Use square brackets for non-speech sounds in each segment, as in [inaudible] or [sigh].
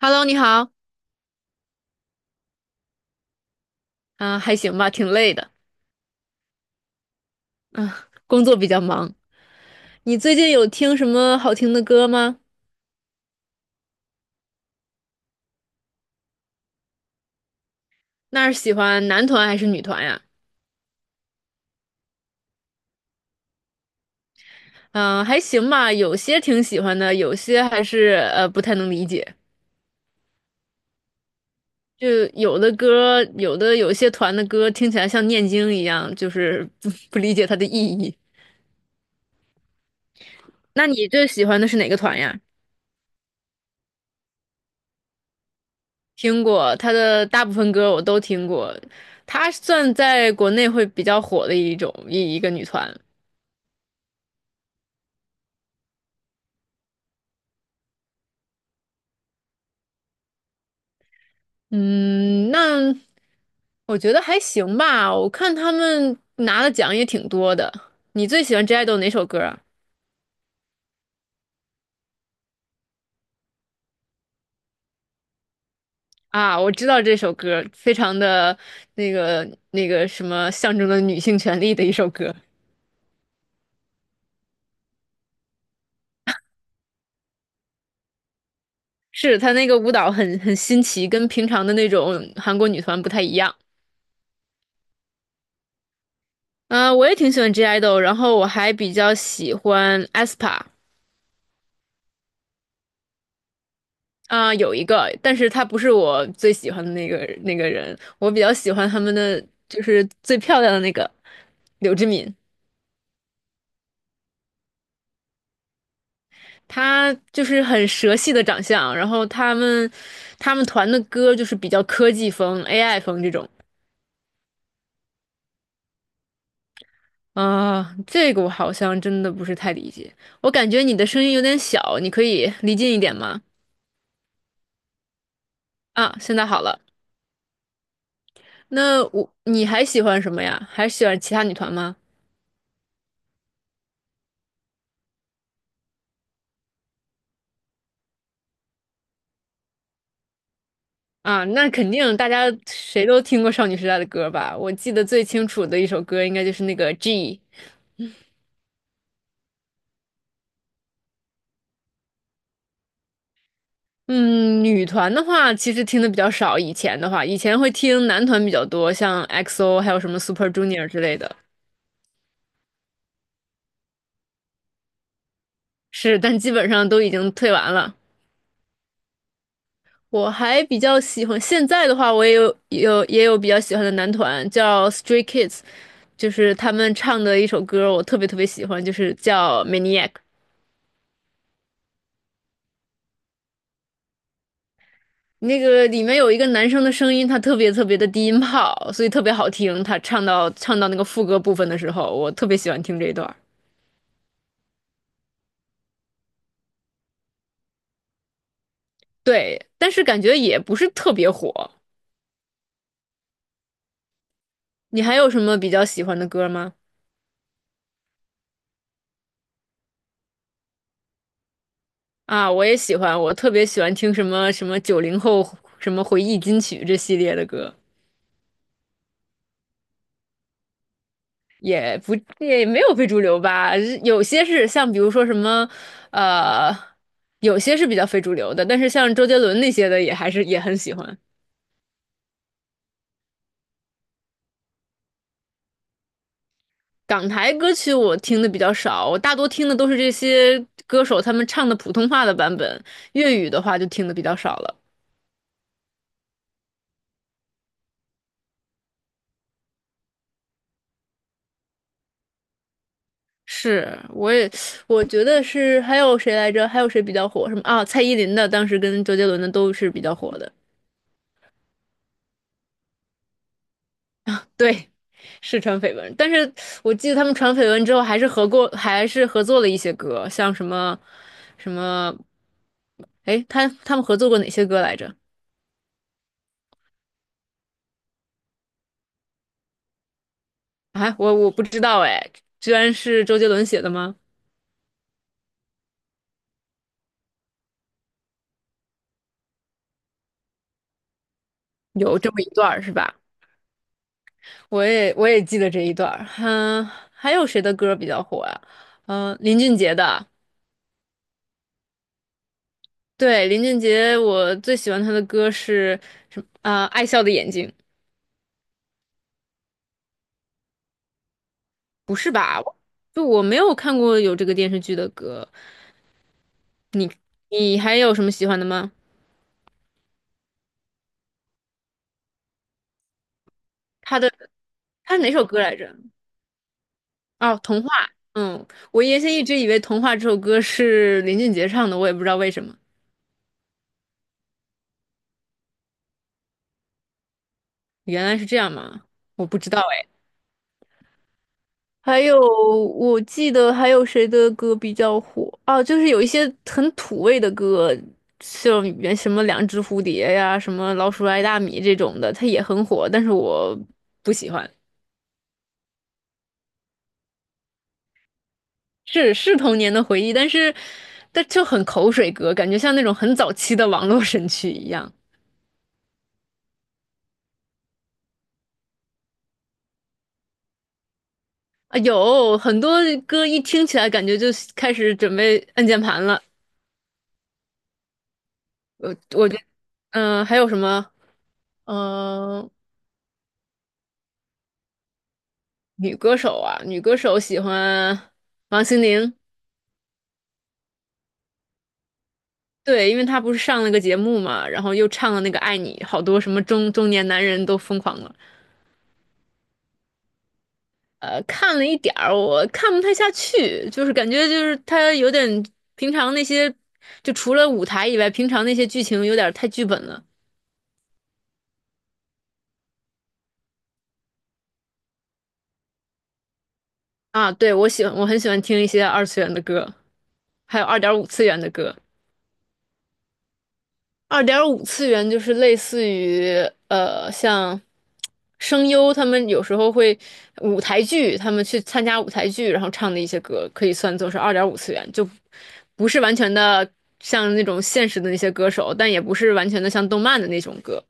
Hello，你好。啊，还行吧，挺累的。嗯，工作比较忙。你最近有听什么好听的歌吗？那是喜欢男团还是女团呀？嗯，还行吧，有些挺喜欢的，有些还是不太能理解。就有的歌，有些团的歌听起来像念经一样，就是不 [laughs] 不理解它的意义。那你最喜欢的是哪个团呀？听过他的大部分歌我都听过，他算在国内会比较火的一种一一个女团。嗯，那我觉得还行吧。我看他们拿的奖也挺多的。你最喜欢 J i d o 哪首歌啊？啊，我知道这首歌，非常的那个什么，象征了女性权利的一首歌。是他那个舞蹈很新奇，跟平常的那种韩国女团不太一样。嗯、我也挺喜欢 J i d o 然后我还比较喜欢 aespa。啊、有一个，但是他不是我最喜欢的那个人，我比较喜欢他们的就是最漂亮的那个柳智敏，她就是很蛇系的长相，然后他们团的歌就是比较科技风、AI 风这种。啊、这个我好像真的不是太理解，我感觉你的声音有点小，你可以离近一点吗？啊，现在好了，那你还喜欢什么呀？还喜欢其他女团吗？啊，那肯定，大家谁都听过少女时代的歌吧？我记得最清楚的一首歌应该就是那个《G》。嗯，女团的话其实听的比较少，以前的话，以前会听男团比较多，像 XO 还有什么 Super Junior 之类的。是，但基本上都已经退完了。我还比较喜欢，现在的话我也有比较喜欢的男团叫 Stray Kids，就是他们唱的一首歌我特别特别喜欢，就是叫《Maniac》。那个里面有一个男生的声音，他特别特别的低音炮，所以特别好听。他唱到那个副歌部分的时候，我特别喜欢听这一段。对，但是感觉也不是特别火。你还有什么比较喜欢的歌吗？啊，我也喜欢，我特别喜欢听什么什么九零后什么回忆金曲这系列的歌，也不也没有非主流吧，有些是像比如说什么，呃，有些是比较非主流的，但是像周杰伦那些的也还是也很喜欢。港台歌曲我听的比较少，我大多听的都是这些歌手他们唱的普通话的版本，粤语的话就听的比较少了。是，我觉得是，还有谁来着？还有谁比较火？什么啊？蔡依林的，当时跟周杰伦的都是比较火的。对，是传绯闻，但是我记得他们传绯闻之后，还是合过，还是合作了一些歌，像什么什么，哎，他们合作过哪些歌来着？啊，我不知道哎，居然是周杰伦写的吗？有这么一段儿是吧？我也记得这一段儿。嗯，还有谁的歌比较火呀？林俊杰的。对，林俊杰，我最喜欢他的歌是什么？啊、爱笑的眼睛。不是吧？我没有看过有这个电视剧的歌。你还有什么喜欢的吗？他的他是哪首歌来着？哦，童话。嗯，我原先一直以为《童话》这首歌是林俊杰唱的，我也不知道为什么。原来是这样吗？我不知道。我记得还有谁的歌比较火啊？就是有一些很土味的歌，像什么两只蝴蝶呀、什么老鼠爱大米这种的，它也很火，但是我不喜欢。是童年的回忆，但是就很口水歌，感觉像那种很早期的网络神曲一样啊。有很多歌一听起来感觉就开始准备按键盘了。我觉得还有什么？嗯、女歌手啊，女歌手喜欢王心凌，对，因为她不是上了个节目嘛，然后又唱了那个《爱你》，好多什么中年男人都疯狂了。看了一点儿，我看不太下去，就是感觉就是她有点平常那些，就除了舞台以外，平常那些剧情有点太剧本了啊。对，我喜欢，我很喜欢听一些二次元的歌，还有二点五次元的歌。二点五次元就是类似于像声优他们有时候会舞台剧，他们去参加舞台剧，然后唱的一些歌，可以算作是二点五次元，就不是完全的像那种现实的那些歌手，但也不是完全的像动漫的那种歌。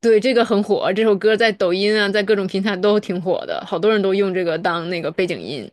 对，这个很火，这首歌在抖音啊，在各种平台都挺火的，好多人都用这个当那个背景音。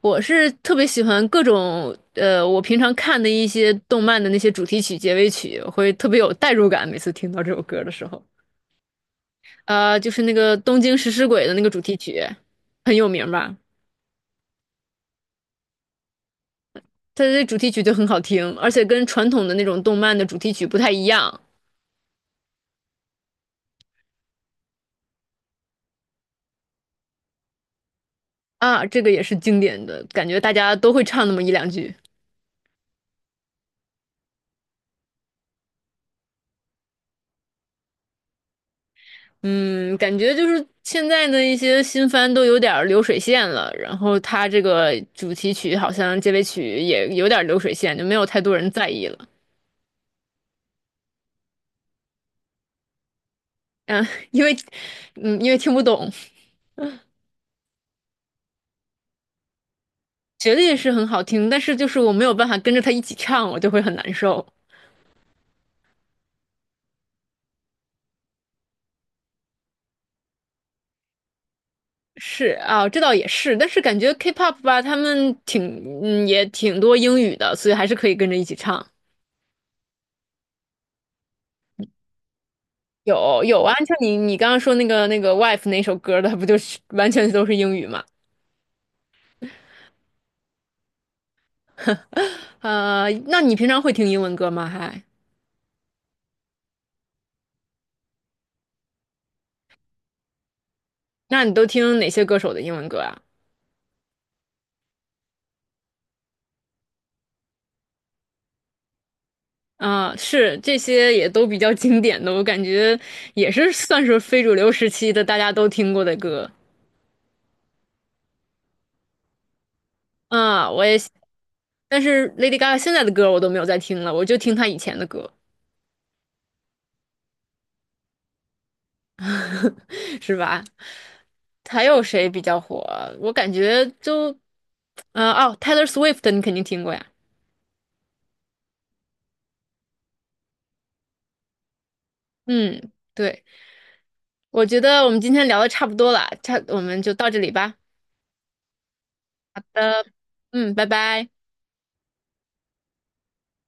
我是特别喜欢各种我平常看的一些动漫的那些主题曲、结尾曲，会特别有代入感。每次听到这首歌的时候，就是那个《东京食尸鬼》的那个主题曲，很有名吧？它的主题曲就很好听，而且跟传统的那种动漫的主题曲不太一样。啊，这个也是经典的，感觉大家都会唱那么一两句。嗯，感觉就是现在的一些新番都有点儿流水线了，然后他这个主题曲好像结尾曲也有点儿流水线，就没有太多人在意了。嗯，[laughs] 因为，因为听不懂，旋律是很好听，但是就是我没有办法跟着他一起唱，我就会很难受。是啊，这倒也是，但是感觉 K-pop 吧，他们挺，也挺多英语的，所以还是可以跟着一起唱。有啊，像你刚刚说那个 Wife 那首歌的，不就是完全都是英语吗？[laughs] 那你平常会听英文歌吗？那你都听哪些歌手的英文歌啊？啊，是这些也都比较经典的，我感觉也是算是非主流时期的大家都听过的歌。啊，但是 Lady Gaga 现在的歌我都没有再听了，我就听她以前的歌，是吧？还有谁比较火？我感觉就，哦，Taylor Swift 你肯定听过呀。嗯，对，我觉得我们今天聊的差不多了，我们就到这里吧。好的。嗯，拜拜。